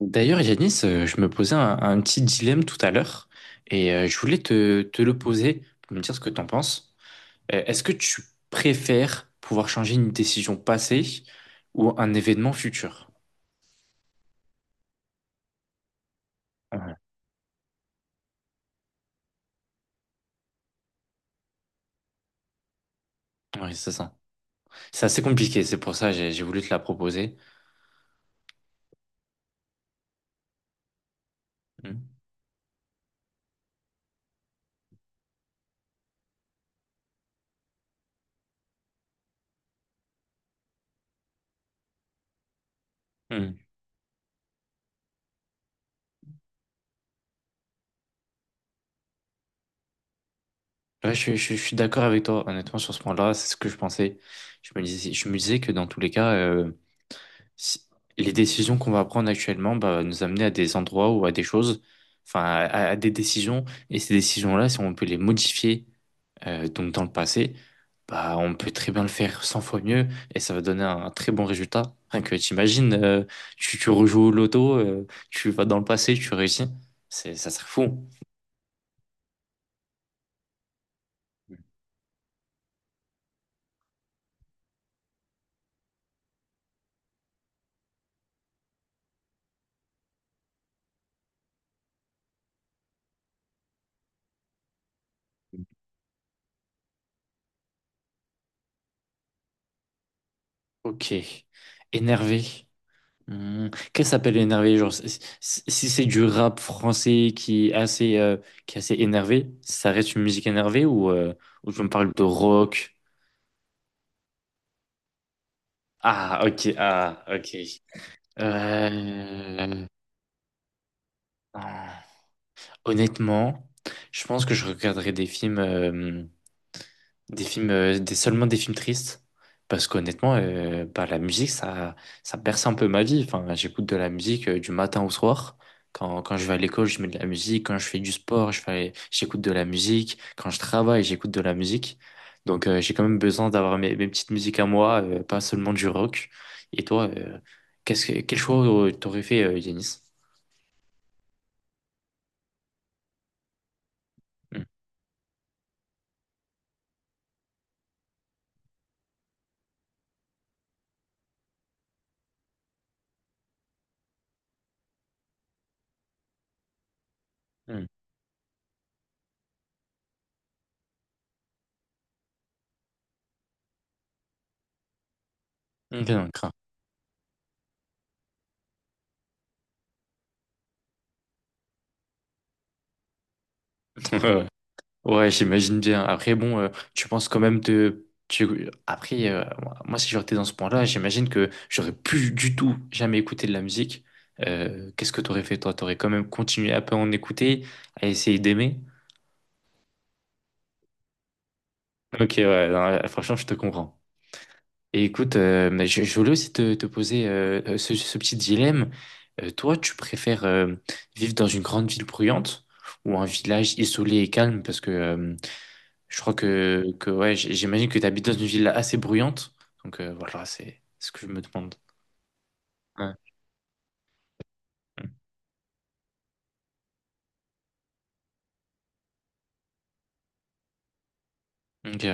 D'ailleurs, Yanis, je me posais un petit dilemme tout à l'heure et je voulais te le poser pour me dire ce que t'en penses. Est-ce que tu préfères pouvoir changer une décision passée ou un événement futur? Ouais. Oui, c'est ça. C'est assez compliqué, c'est pour ça que j'ai voulu te la proposer. Mm. Mm. Ouais, je suis d'accord avec toi, honnêtement, sur ce point-là, c'est ce que je pensais. Je me disais que dans tous les cas, si- les décisions qu'on va prendre actuellement bah, nous amener à des endroits ou à des choses, enfin à des décisions. Et ces décisions-là, si on peut les modifier donc dans le passé, bah, on peut très bien le faire 100 fois mieux et ça va donner un très bon résultat. Rien que t'imagines, tu rejoues au loto, tu vas dans le passé, tu réussis. Ça serait fou. Ok. Énervé. Hmm. Qu'est-ce qui s'appelle énervé? Genre, si c'est du rap français qui est assez, énervé, ça reste une musique énervée ou tu me parles de rock? Ah, ok, ah, ok. Euh... ah. Honnêtement, je pense que je regarderai seulement des films tristes, parce qu'honnêtement, bah, la musique, ça berce un peu ma vie. Enfin, j'écoute de la musique du matin au soir. Quand je vais à l'école, je mets de la musique. Quand je fais du sport, j'écoute de la musique. Quand je travaille, j'écoute de la musique. Donc, j'ai quand même besoin d'avoir mes petites musiques à moi, pas seulement du rock. Et toi, quel choix t'aurais fait, Yanis? Hmm. Hmm. Ok, donc, crains. Ouais, j'imagine bien. Après, bon, tu penses quand même Après, moi, si j'aurais été dans ce point-là, j'imagine que j'aurais plus du tout jamais écouté de la musique. Qu'est-ce que t'aurais fait, toi? T'aurais quand même continué à en écouter, à essayer d'aimer? Ok, ouais, non, franchement, je te comprends. Et écoute, mais je voulais aussi te poser ce petit dilemme. Toi, tu préfères vivre dans une grande ville bruyante ou un village isolé et calme? Parce que je crois que ouais, j'imagine que tu habites dans une ville assez bruyante. Donc voilà, c'est ce que je me demande. Ouais. Ok,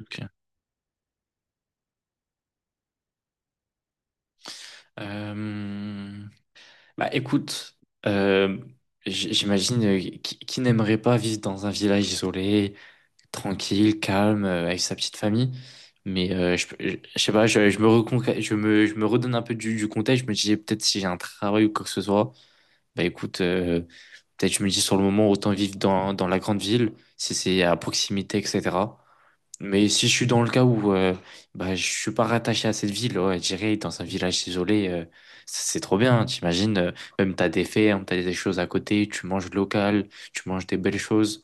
ok. Euh, Bah écoute, euh, j'imagine qui n'aimerait pas vivre dans un village isolé, tranquille, calme, avec sa petite famille. Mais je sais pas, je me reconca- je me redonne un peu du contexte. Je me disais peut-être si j'ai un travail ou quoi que ce soit, bah écoute, peut-être je me dis sur le moment, autant vivre dans la grande ville, si c'est à proximité, etc. Mais si je suis dans le cas où bah, je suis pas rattaché à cette ville, ouais, j'irai dans un village isolé, c'est trop bien, t'imagines, même t'as des fermes, t'as des choses à côté, tu manges local, tu manges des belles choses.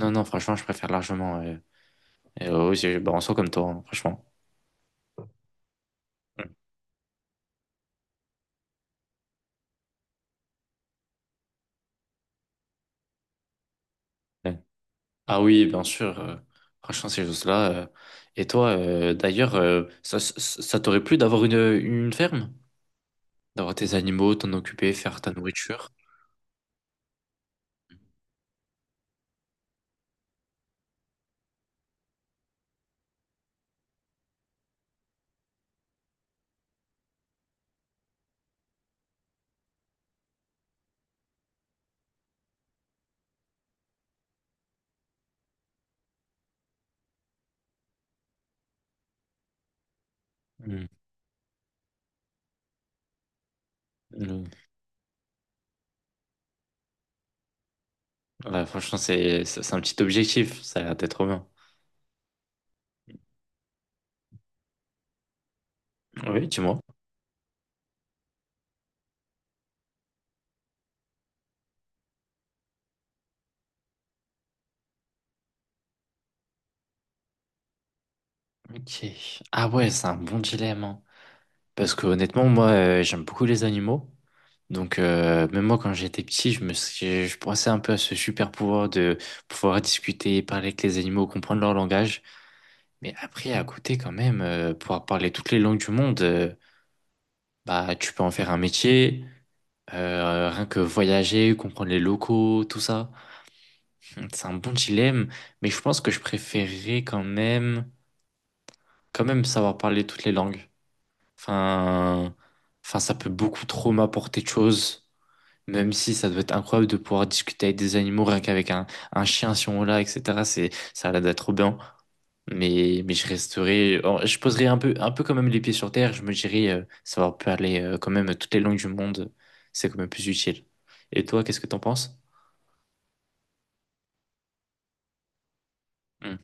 Non, non, franchement, je préfère largement. Ouais, bah, en soi comme toi, hein, franchement. Ouais. Ah oui, bien sûr, franchement, ces choses-là. Et toi, d'ailleurs, ça t'aurait plu d'avoir une ferme? D'avoir tes animaux, t'en occuper, faire ta nourriture. Mm. Mm. Ouais, franchement, c'est un petit objectif, ça a l'air d'être trop bien. Oui, dis-moi. Ok. Ah ouais, c'est un bon dilemme, hein. Parce que honnêtement, moi, j'aime beaucoup les animaux. Donc, même moi, quand j'étais petit, je pensais un peu à ce super pouvoir de pouvoir discuter, parler avec les animaux, comprendre leur langage. Mais après, à côté, quand même, pouvoir parler toutes les langues du monde, bah, tu peux en faire un métier. Rien que voyager, comprendre les locaux, tout ça. C'est un bon dilemme, mais je pense que je préférerais quand même savoir parler toutes les langues. Enfin, enfin, ça peut beaucoup trop m'apporter de choses, même si ça doit être incroyable de pouvoir discuter avec des animaux, rien qu'avec un chien si on l'a, etc. Ça a l'air d'être trop bien. Mais je resterai, or, je poserai un peu quand même les pieds sur terre. Je me dirais, savoir parler quand même toutes les langues du monde, c'est quand même plus utile. Et toi, qu'est-ce que t'en penses? Hmm,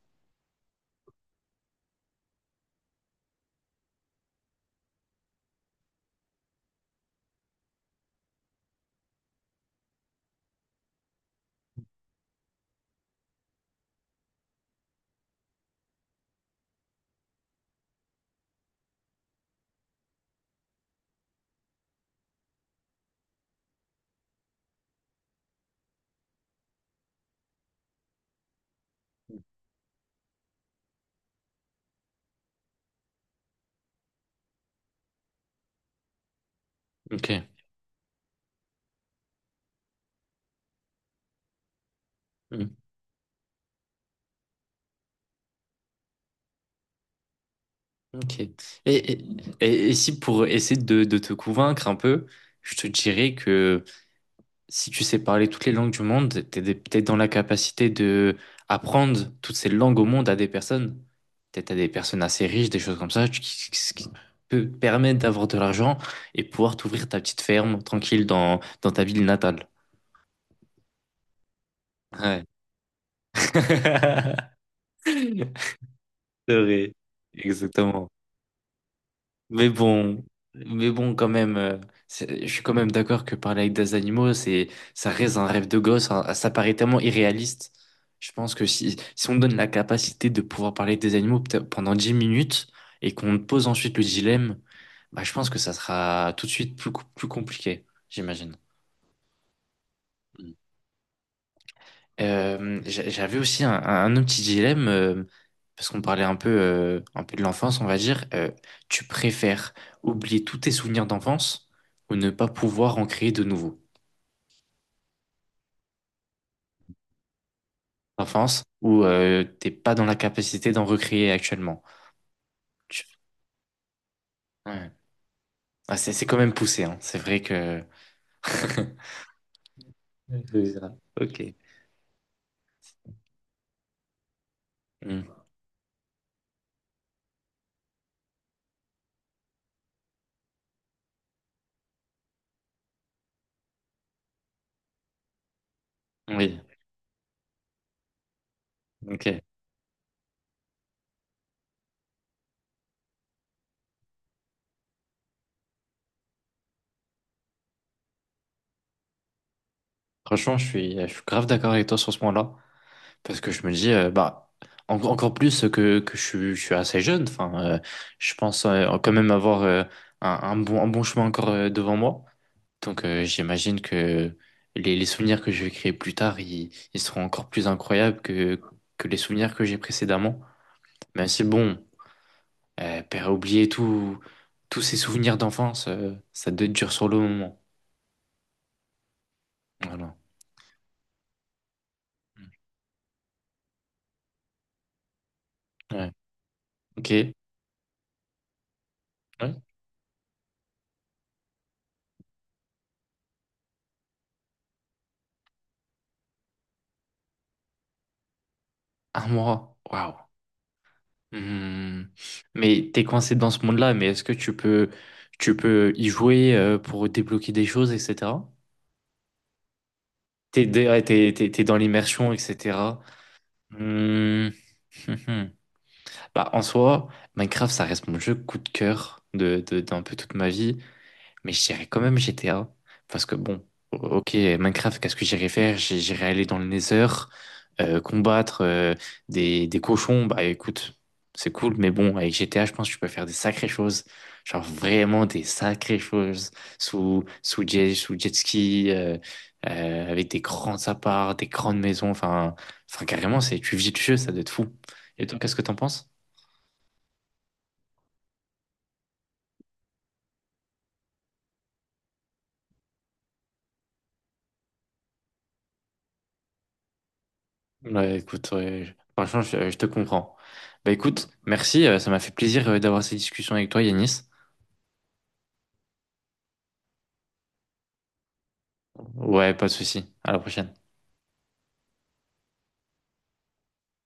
ok. Ok. Et, et si pour essayer de te convaincre un peu, je te dirais que si tu sais parler toutes les langues du monde, peut-être dans la capacité de apprendre toutes ces langues au monde à des personnes, peut-être à des personnes assez riches, des choses comme ça, ce qui peut permettre d'avoir de l'argent et pouvoir t'ouvrir ta petite ferme tranquille dans ta ville natale. Ouais. C'est vrai. Exactement. Mais bon, mais bon, quand même, je suis quand même d'accord que parler avec des animaux, ça reste un rêve de gosse, hein. Ça paraît tellement irréaliste. Je pense que si on donne la capacité de pouvoir parler avec des animaux peut-être pendant 10 minutes et qu'on pose ensuite le dilemme, bah, je pense que ça sera tout de suite plus compliqué, j'imagine. J'avais aussi un autre petit dilemme, parce qu'on parlait un peu de l'enfance, on va dire. Tu préfères oublier tous tes souvenirs d'enfance ou ne pas pouvoir en créer de nouveaux? Enfance, ou t'es pas dans la capacité d'en recréer actuellement. Tu- Ouais. Ah, c'est quand même poussé, hein. C'est vrai que. C'est bizarre. Ok. Hmm. Oui, ok. Franchement, je suis grave d'accord avec toi sur ce point-là. Parce que je me dis, bah, encore plus que je suis assez jeune. Enfin, je pense quand même avoir un bon chemin encore devant moi. Donc, j'imagine que les souvenirs que je vais créer plus tard, ils seront encore plus incroyables que les souvenirs que j'ai précédemment. Même si, bon, père oublier tous ces souvenirs d'enfance, ça doit être dur sur le moment. Voilà. Ouais. Ok. Ouais. Un mois. Waouh. Hmm. Mais t'es coincé dans ce monde-là, mais est-ce que tu peux y jouer pour débloquer des choses, etc. Ouais, t'es dans l'immersion, etc. Hmm. Bah, en soi, Minecraft, ça reste mon jeu coup de cœur d'un peu toute ma vie. Mais je dirais quand même GTA. Parce que bon, ok, Minecraft, qu'est-ce que j'irais faire? J'irais aller dans le Nether, combattre des cochons. Bah écoute, c'est cool, mais bon, avec GTA, je pense que tu peux faire des sacrées choses. Genre vraiment des sacrées choses. Sous jet ski, avec des grands apparts, des grandes maisons. Enfin, enfin carrément, tu vis le jeu, ça doit être fou. Et toi, qu'est-ce que t'en penses? Ouais, écoute, ouais, franchement, je te comprends. Bah écoute, merci, ça m'a fait plaisir d'avoir cette discussion avec toi, Yanis. Ouais, pas de souci. À la prochaine.